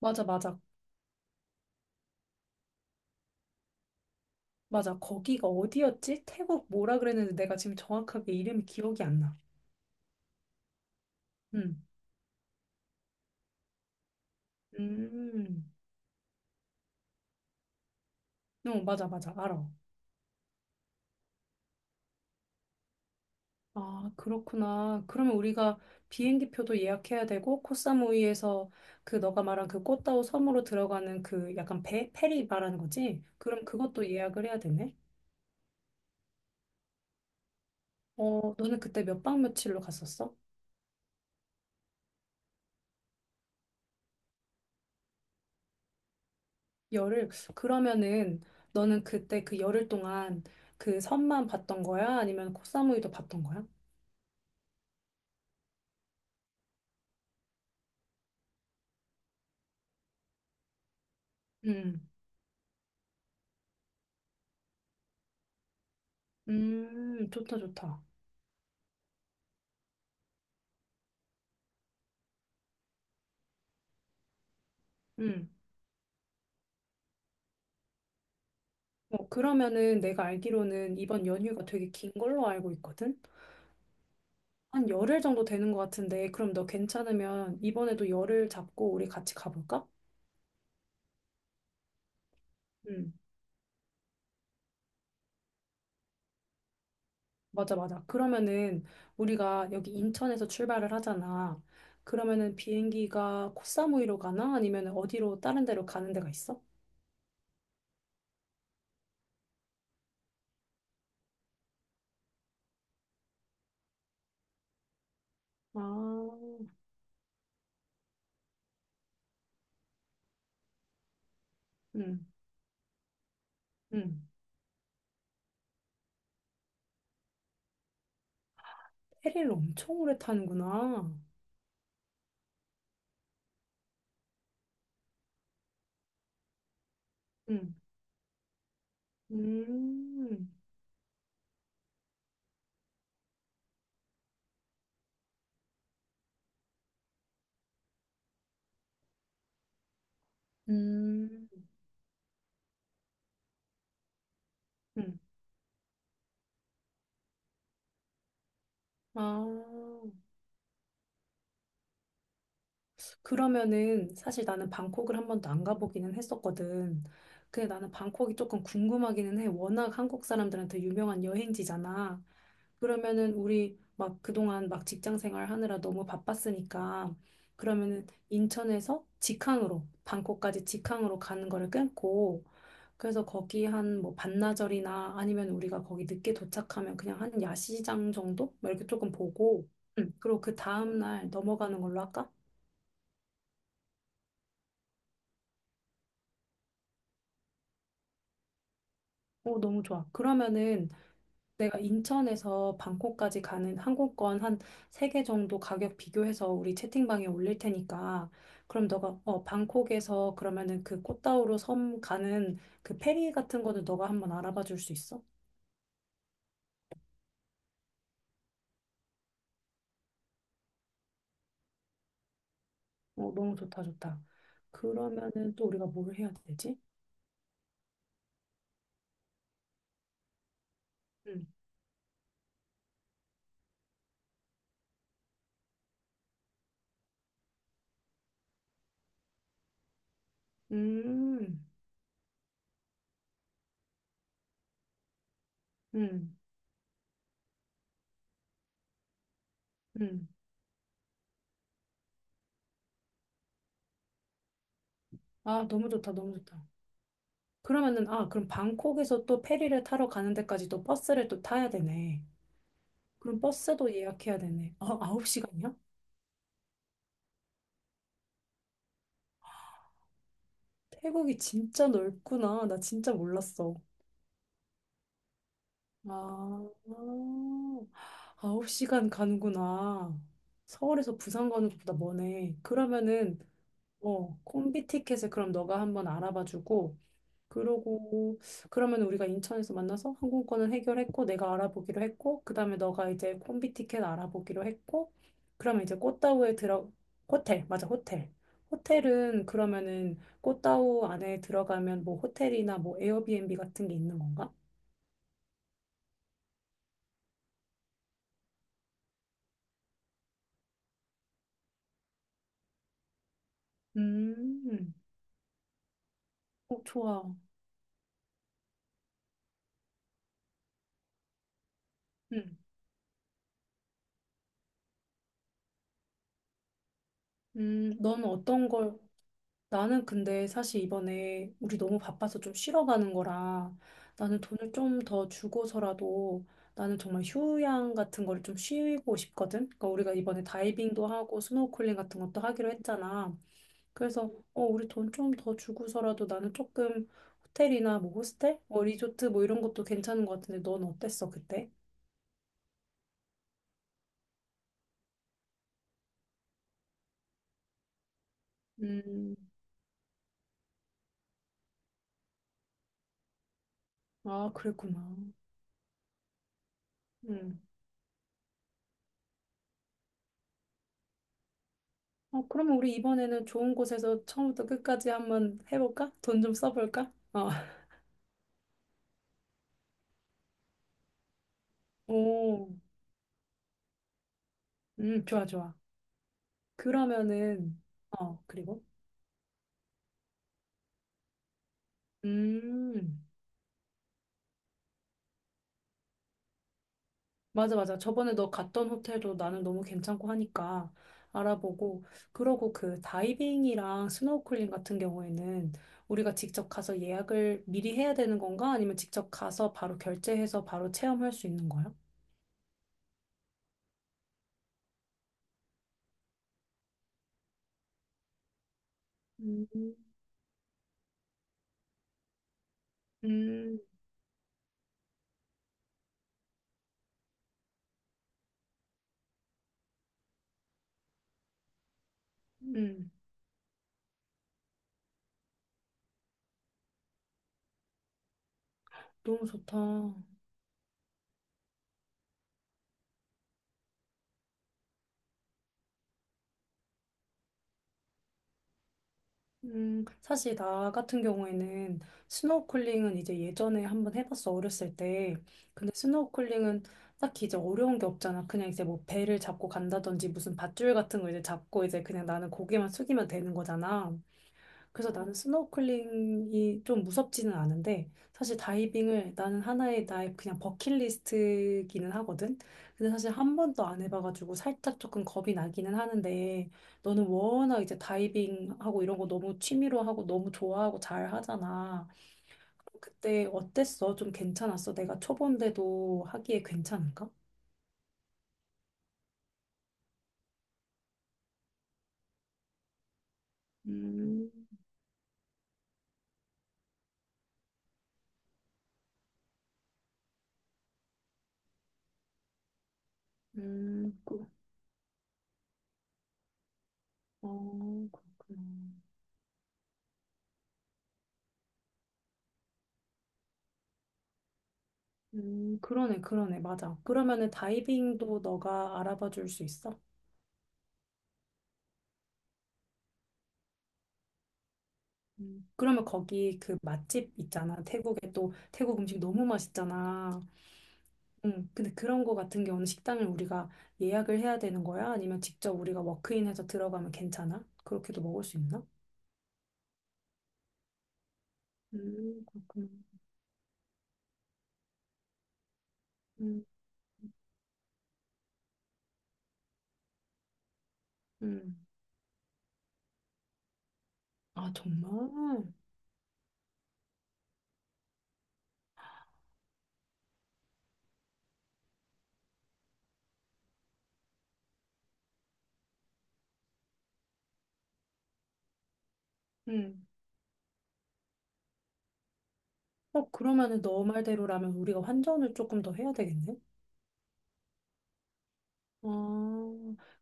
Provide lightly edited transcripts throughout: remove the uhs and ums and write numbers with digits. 맞아, 맞아. 맞아. 거기가 어디였지? 태국 뭐라 그랬는데 내가 지금 정확하게 이름이 기억이 안 나. 음. 음. 어, 맞아, 맞아. 알아. 아, 그렇구나. 그러면 우리가 비행기 표도 예약해야 되고, 코사무이에서 그 너가 말한 그 꽃다오 섬으로 들어가는 그 약간 배, 페리 말하는 거지? 그럼 그것도 예약을 해야 되네? 어, 너는 그때 몇 박 며칠로 갔었어? 열흘. 그러면은 너는 그때 그 열흘 동안 그 섬만 봤던 거야? 아니면 코사무이도 봤던 거야? 음, 좋다, 좋다. 음. 어, 그러면은 내가 알기로는 이번 연휴가 되게 긴 걸로 알고 있거든? 한 열흘 정도 되는 것 같은데, 그럼 너 괜찮으면 이번에도 열흘 잡고 우리 같이 가볼까? 음, 맞아, 맞아. 그러면은 우리가 여기 인천에서 출발을 하잖아. 그러면은 비행기가 코사무이로 가나? 아니면 어디로 다른 데로 가는 데가 있어? 아, 음, 음. 페리를 엄청 오래 타는구나. 음, 음. 음, 음. 아, 그러면은 사실 나는 방콕을 한 번도 안 가보기는 했었거든. 근데 나는 방콕이 조금 궁금하기는 해. 워낙 한국 사람들한테 유명한 여행지잖아. 그러면은 우리 막 그동안 막 직장 생활 하느라 너무 바빴으니까 그러면은 인천에서 직항으로 방콕까지 직항으로 가는 거를 끊고 그래서 거기 한 뭐 반나절이나 아니면 우리가 거기 늦게 도착하면 그냥 한 야시장 정도? 뭐 이렇게 조금 보고, 응. 그리고 그 다음날 넘어가는 걸로 할까? 오, 너무 좋아. 그러면은 내가 인천에서 방콕까지 가는 항공권 한 세 개 정도 가격 비교해서 우리 채팅방에 올릴 테니까, 그럼 너가, 방콕에서 그러면은 그 꽃다우로 섬 가는 그 페리 같은 거는 너가 한번 알아봐 줄 수 있어? 어, 너무 좋다, 좋다. 그러면은 또 우리가 뭘 해야 되지? 응. 음, 음, 음. 아, 너무 좋다, 너무 좋다. 그러면은, 아, 그럼 방콕에서 또 페리를 타러 가는 데까지 또 버스를 또 타야 되네. 그럼 버스도 예약해야 되네. 아, 9시간이야? 태국이 진짜 넓구나. 나 진짜 몰랐어. 아, 9시간 가는구나. 서울에서 부산 가는 것보다 머네. 그러면은, 어, 콤비 티켓을 그럼 너가 한번 알아봐주고, 그러고 그러면 우리가 인천에서 만나서 항공권은 해결했고 내가 알아보기로 했고 그다음에 너가 이제 콤비 티켓 알아보기로 했고 그러면 이제 꽃다우에 들어, 호텔, 맞아, 호텔은 그러면은 꽃다우 안에 들어가면 뭐 호텔이나 뭐 에어비앤비 같은 게 있는 건가? 음, 어, 좋아. 음, 넌 어떤 걸. 나는 근데 사실 이번에 우리 너무 바빠서 좀 쉬러 가는 거라 나는 돈을 좀 더 주고서라도 나는 정말 휴양 같은 거를 좀 쉬고 싶거든. 그러니까 우리가 이번에 다이빙도 하고 스노우클링 같은 것도 하기로 했잖아. 그래서 우리 돈 좀 더 주고서라도 나는 조금 호텔이나 뭐 호스텔, 뭐 리조트 뭐 이런 것도 괜찮은 것 같은데 넌 어땠어 그때? 음, 아 그랬구나. 음. 어, 그러면 우리 이번에는 좋은 곳에서 처음부터 끝까지 한번 해볼까? 돈 좀 써볼까? 어. 오, 좋아, 좋아. 그러면은, 그리고? 음, 맞아, 맞아. 저번에 너 갔던 호텔도 나는 너무 괜찮고 하니까 알아보고, 그러고 그 다이빙이랑 스노우클링 같은 경우에는 우리가 직접 가서 예약을 미리 해야 되는 건가? 아니면 직접 가서 바로 결제해서 바로 체험할 수 있는 거야? 음, 음, 음, 너무 좋다. 사실 나 같은 경우에는 스노우클링은 이제 예전에 한번 해봤어, 어렸을 때. 근데 스노우클링은 딱히 이제 어려운 게 없잖아. 그냥 이제 뭐 배를 잡고 간다든지 무슨 밧줄 같은 거 이제 잡고 이제 그냥 나는 고개만 숙이면 되는 거잖아. 그래서 나는 스노클링이 좀 무섭지는 않은데 사실 다이빙을 나는 하나의 나의 그냥 버킷리스트기는 하거든. 근데 사실 한 번도 안 해봐가지고 살짝 조금 겁이 나기는 하는데 너는 워낙 이제 다이빙하고 이런 거 너무 취미로 하고 너무 좋아하고 잘 하잖아. 그때 어땠어? 좀 괜찮았어? 내가 초보인데도 하기에 괜찮은가? 음, 음, 그- 어, 그렇구나. 그러네, 그러네, 맞아. 그러면은 다이빙도 너가 알아봐 줄 수 있어? 그러면 거기 그 맛집 있잖아. 태국에 또 태국 음식 너무 맛있잖아. 근데 그런 거 같은 경우는 식당을 우리가 예약을 해야 되는 거야? 아니면 직접 우리가 워크인해서 들어가면 괜찮아? 그렇게도 먹을 수 있나? 그렇구나. 음, 음. 아, 정말? 음. 어, 그러면은 너 말대로라면 우리가 환전을 조금 더 해야 되겠네? 아,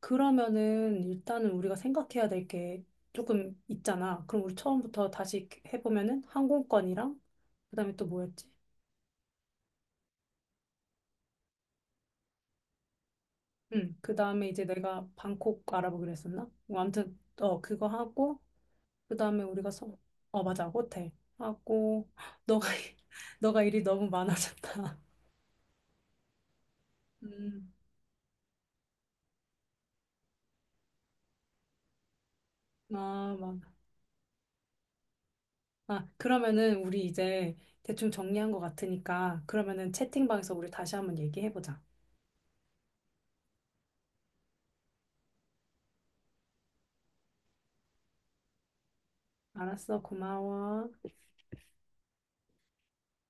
그러면은 일단은 우리가 생각해야 될 게 조금 있잖아. 그럼 우리 처음부터 다시 해보면은 항공권이랑 그다음에 또 뭐였지? 응, 그다음에 이제 내가 방콕 알아보기로 했었나? 뭐 아무튼 그거 하고 그다음에 우리가 서, 어, 맞아, 호텔 하고 너가 일- 너가 일이 너무 많아졌다. 음, 아, 막, 아, 그러면은 우리 이제 대충 정리한 것 같으니까 그러면은 채팅방에서 우리 다시 한번 얘기해보자. 알았어, 고마워.